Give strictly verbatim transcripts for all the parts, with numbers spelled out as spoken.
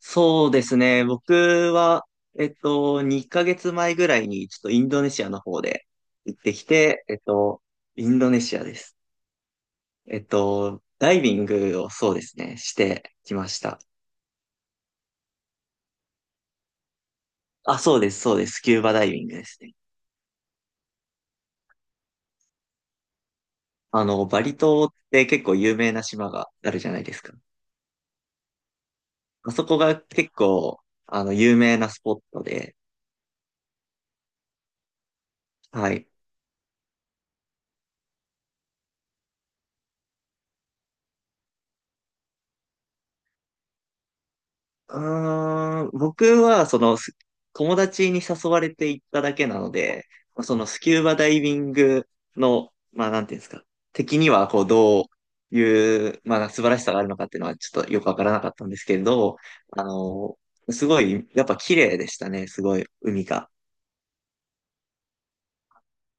そうですね。僕は、えっと、にかげつまえぐらいに、ちょっとインドネシアの方で行ってきて、えっと、インドネシアです。えっと、ダイビングをそうですね、してきました。あ、そうです、そうです。スキューバダイビングですね。あの、バリ島って結構有名な島があるじゃないですか。あそこが結構、あの、有名なスポットで、はい。うーん、僕は、その、す友達に誘われて行っただけなので、そのスキューバダイビングの、まあ、なんていうんですか、敵には、こう、どういう、まあ、素晴らしさがあるのかっていうのは、ちょっとよくわからなかったんですけれど、あの、すごい、やっぱ綺麗でしたね。すごい、海が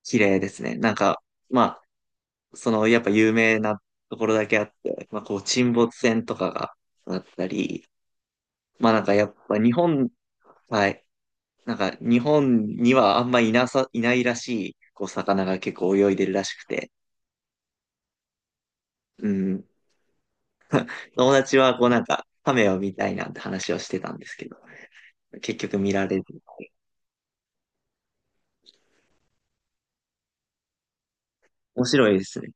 綺麗ですね。なんか、まあ、その、やっぱ有名なところだけあって、まあ、こう、沈没船とかがあったり、まあ、なんかやっぱ日本、はい。なんか日本にはあんまいなさ、いないらしい、こう魚が結構泳いでるらしくて、うん。友達はこうなんか、カメを見たいなんて話をしてたんですけど、結局見られる。面白いですね。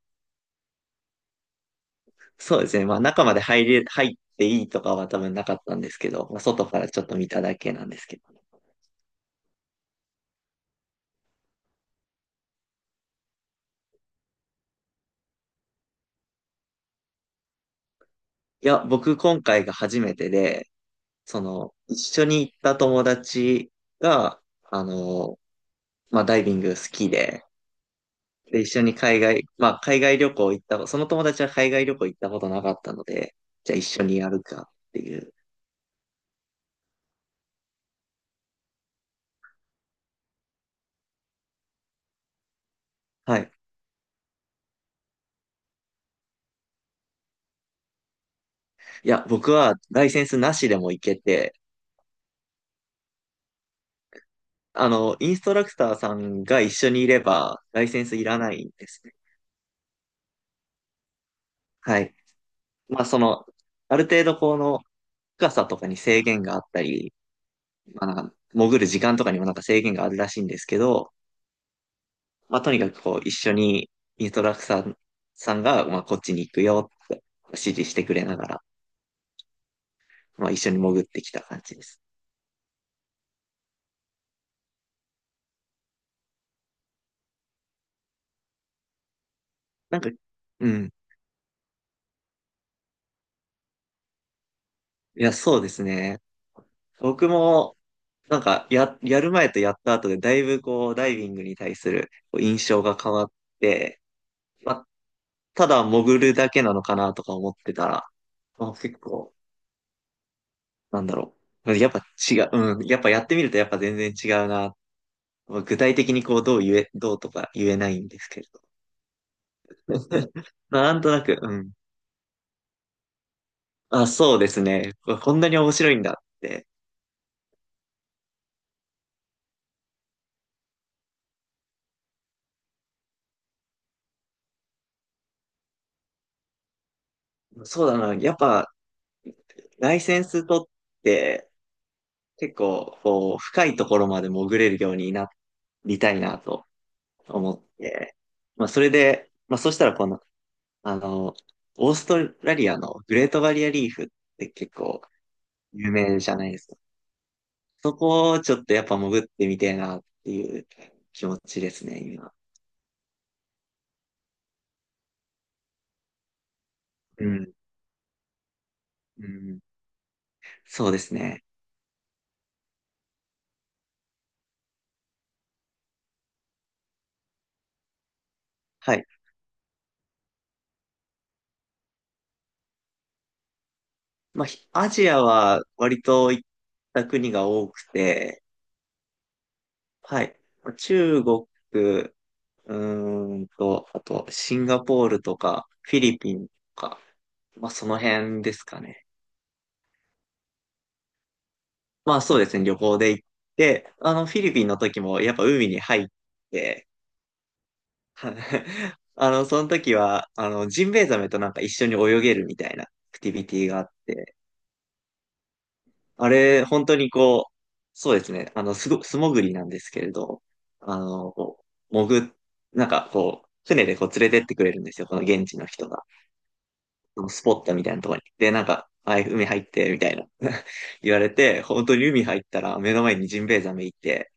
そうですね。まあ中まで入れ、入っていいとかは多分なかったんですけど、まあ、外からちょっと見ただけなんですけど。いや、僕今回が初めてで、その、一緒に行った友達が、あの、まあダイビング好きで、で、一緒に海外、まあ、海外旅行行った、その友達は海外旅行行ったことなかったので、じゃあ一緒にやるかっていう。はい。いや、僕はライセンスなしでも行けて、あの、インストラクターさんが一緒にいれば、ライセンスいらないんですね。はい。まあ、その、ある程度この深さとかに制限があったり、まあ、なんか潜る時間とかにもなんか制限があるらしいんですけど、まあ、とにかくこう、一緒にインストラクターさんが、まあ、こっちに行くよって指示してくれながら、まあ一緒に潜ってきた感じです。なんか、うん。いや、そうですね。僕も、なんか、や、やる前とやった後で、だいぶこう、ダイビングに対するこう印象が変わって、まあ、ただ潜るだけなのかなとか思ってたら、まあ、結構、なんだろう。やっぱ違う、うん。やっぱやってみるとやっぱ全然違うな。まあ具体的にこう、どう言え、どうとか言えないんですけれど。なんとなく、うん。あ、そうですね。ここんなに面白いんだって。そうだな。やっぱ、ライセンス取って結構こう深いところまで潜れるようになりたいなと思って、まあそれで、まあそしたらこの、あの、オーストラリアのグレートバリアリーフって結構有名じゃないですか。そこをちょっとやっぱ潜ってみてえなっていう気持ちですね、今。うん。うん。そうですね。はい。まあ、ひアジアは割と行った国が多くて、はい。中国、うーんと、あと、シンガポールとか、フィリピンとか、まあ、その辺ですかね。まあ、そうですね、旅行で行って、あの、フィリピンの時も、やっぱ海に入って、は あの、その時は、あの、ジンベエザメとなんか一緒に泳げるみたいなアクティビティがあって、あれ、本当にこう、そうですね、あの、すご、素潜りなんですけれど、あの、こう、潜っ、なんかこう、船でこう連れてってくれるんですよ、この現地の人が。スポットみたいなところに。で、なんか、はい海入って、みたいな 言われて、本当に海入ったら目の前にジンベエザメいて、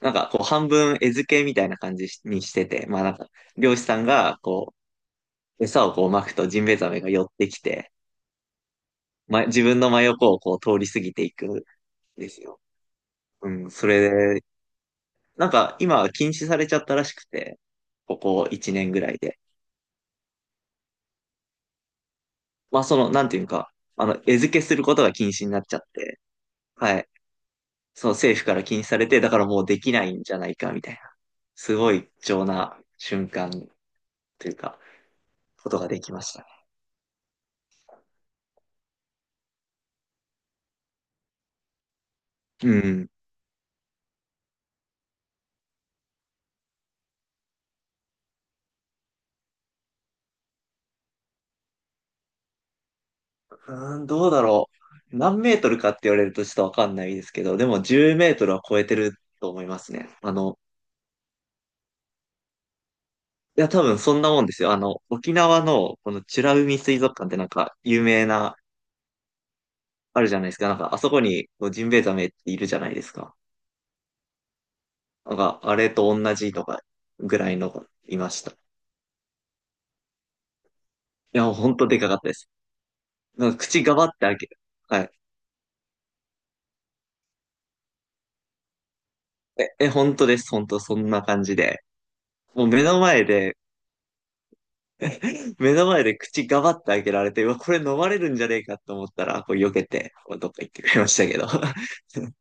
なんかこう半分餌付けみたいな感じにしてて、まあなんか、漁師さんがこう、餌をこう撒くとジンベエザメが寄ってきて、ま、自分の真横をこう通り過ぎていくんですよ。うん、それで、なんか今は禁止されちゃったらしくて、ここいちねんぐらいで。まあその、なんていうか、あの、餌付けすることが禁止になっちゃって、はい。そう政府から禁止されて、だからもうできないんじゃないかみたいな、すごい貴重な瞬間というか、ことができましたね。うん。うーん、どうだろう。何メートルかって言われるとちょっとわかんないですけど、でもじゅうメートルは超えてると思いますね。あの、いや、多分そんなもんですよ。あの、沖縄のこの美ら海水族館ってなんか有名な、あるじゃないですか。なんかあそこにこうジンベエザメっているじゃないですか。なんかあれと同じとかぐらいのがいました。いや、もうほんとでかかったです。なんか口がばって開ける。はい。え、え、本当です。本当、そんな感じで。もう目の前で、目の前で口がばって開けられて、うわ、これ飲まれるんじゃねえかと思ったら、こう避けて、こうどっか行ってくれましたけど。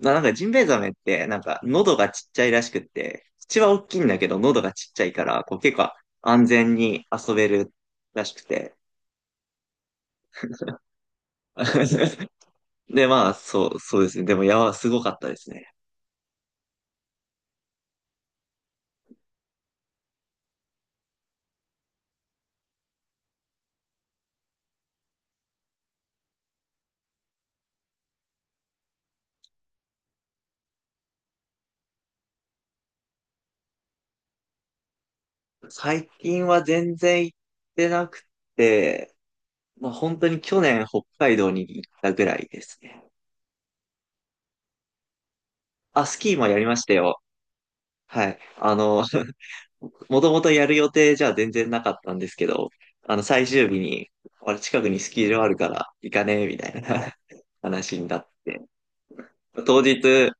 ななんかジンベエザメって、なんか喉がちっちゃいらしくって、口は大きいんだけど、喉がちっちゃいから、こう結構安全に遊べるらしくて。で、まあ、そう、そうですね。でも、やば、すごかったですね。最近は全然行ってなくて、まあ、本当に去年北海道に行ったぐらいですね。あ、スキーもやりましたよ。はい。あの、もともとやる予定じゃ全然なかったんですけど、あの、最終日に、あれ近くにスキー場あるから行かねえ、みたいな 話になって、当日、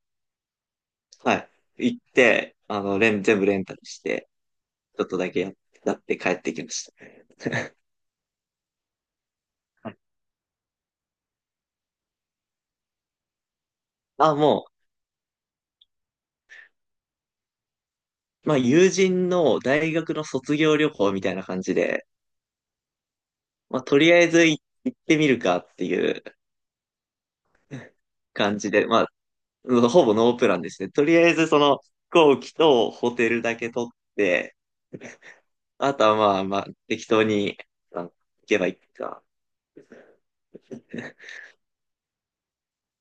はい、行って、あの、レン、全部レンタルして、ちょっとだけやっやって帰ってきました。はい、あ、もう、まあ、友人の大学の卒業旅行みたいな感じで、まあ、とりあえず行行ってみるかっていう感じで、まあ、ほぼノープランですね。とりあえずその飛行機とホテルだけ取って、あとはまあまあ適当にあ行けばいいか。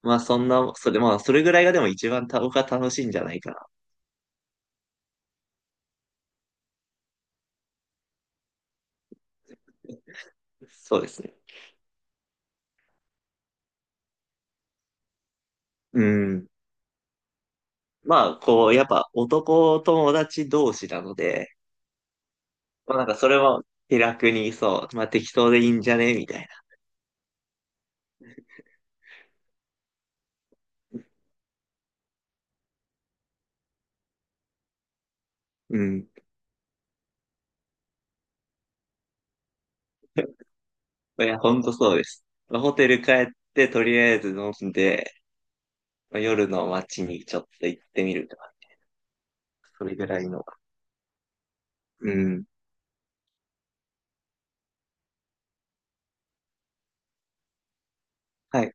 まあそんな、それまあそれぐらいがでも一番た僕は楽しいんじゃないかな。そうですね。うん。まあこう、やっぱ男友達同士なので、まあなんかそれも気楽にそう、まあ適当でいいんじゃねみたいな。うん。いや、ほんとそうです。まあホテル帰ってとりあえず飲んで、夜の街にちょっと行ってみるとか、それぐらいの。うん。はい。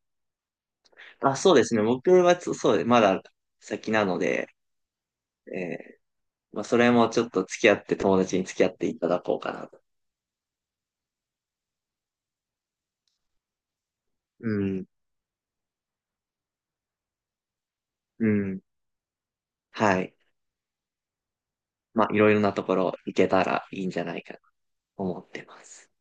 あ、そうですね。僕はつそうです、まだ先なので、えーまあ、それもちょっと付き合って、友達に付き合っていただこうかなと。うん。うん。はい。まあ、いろいろなところ行けたらいいんじゃないかと思ってます。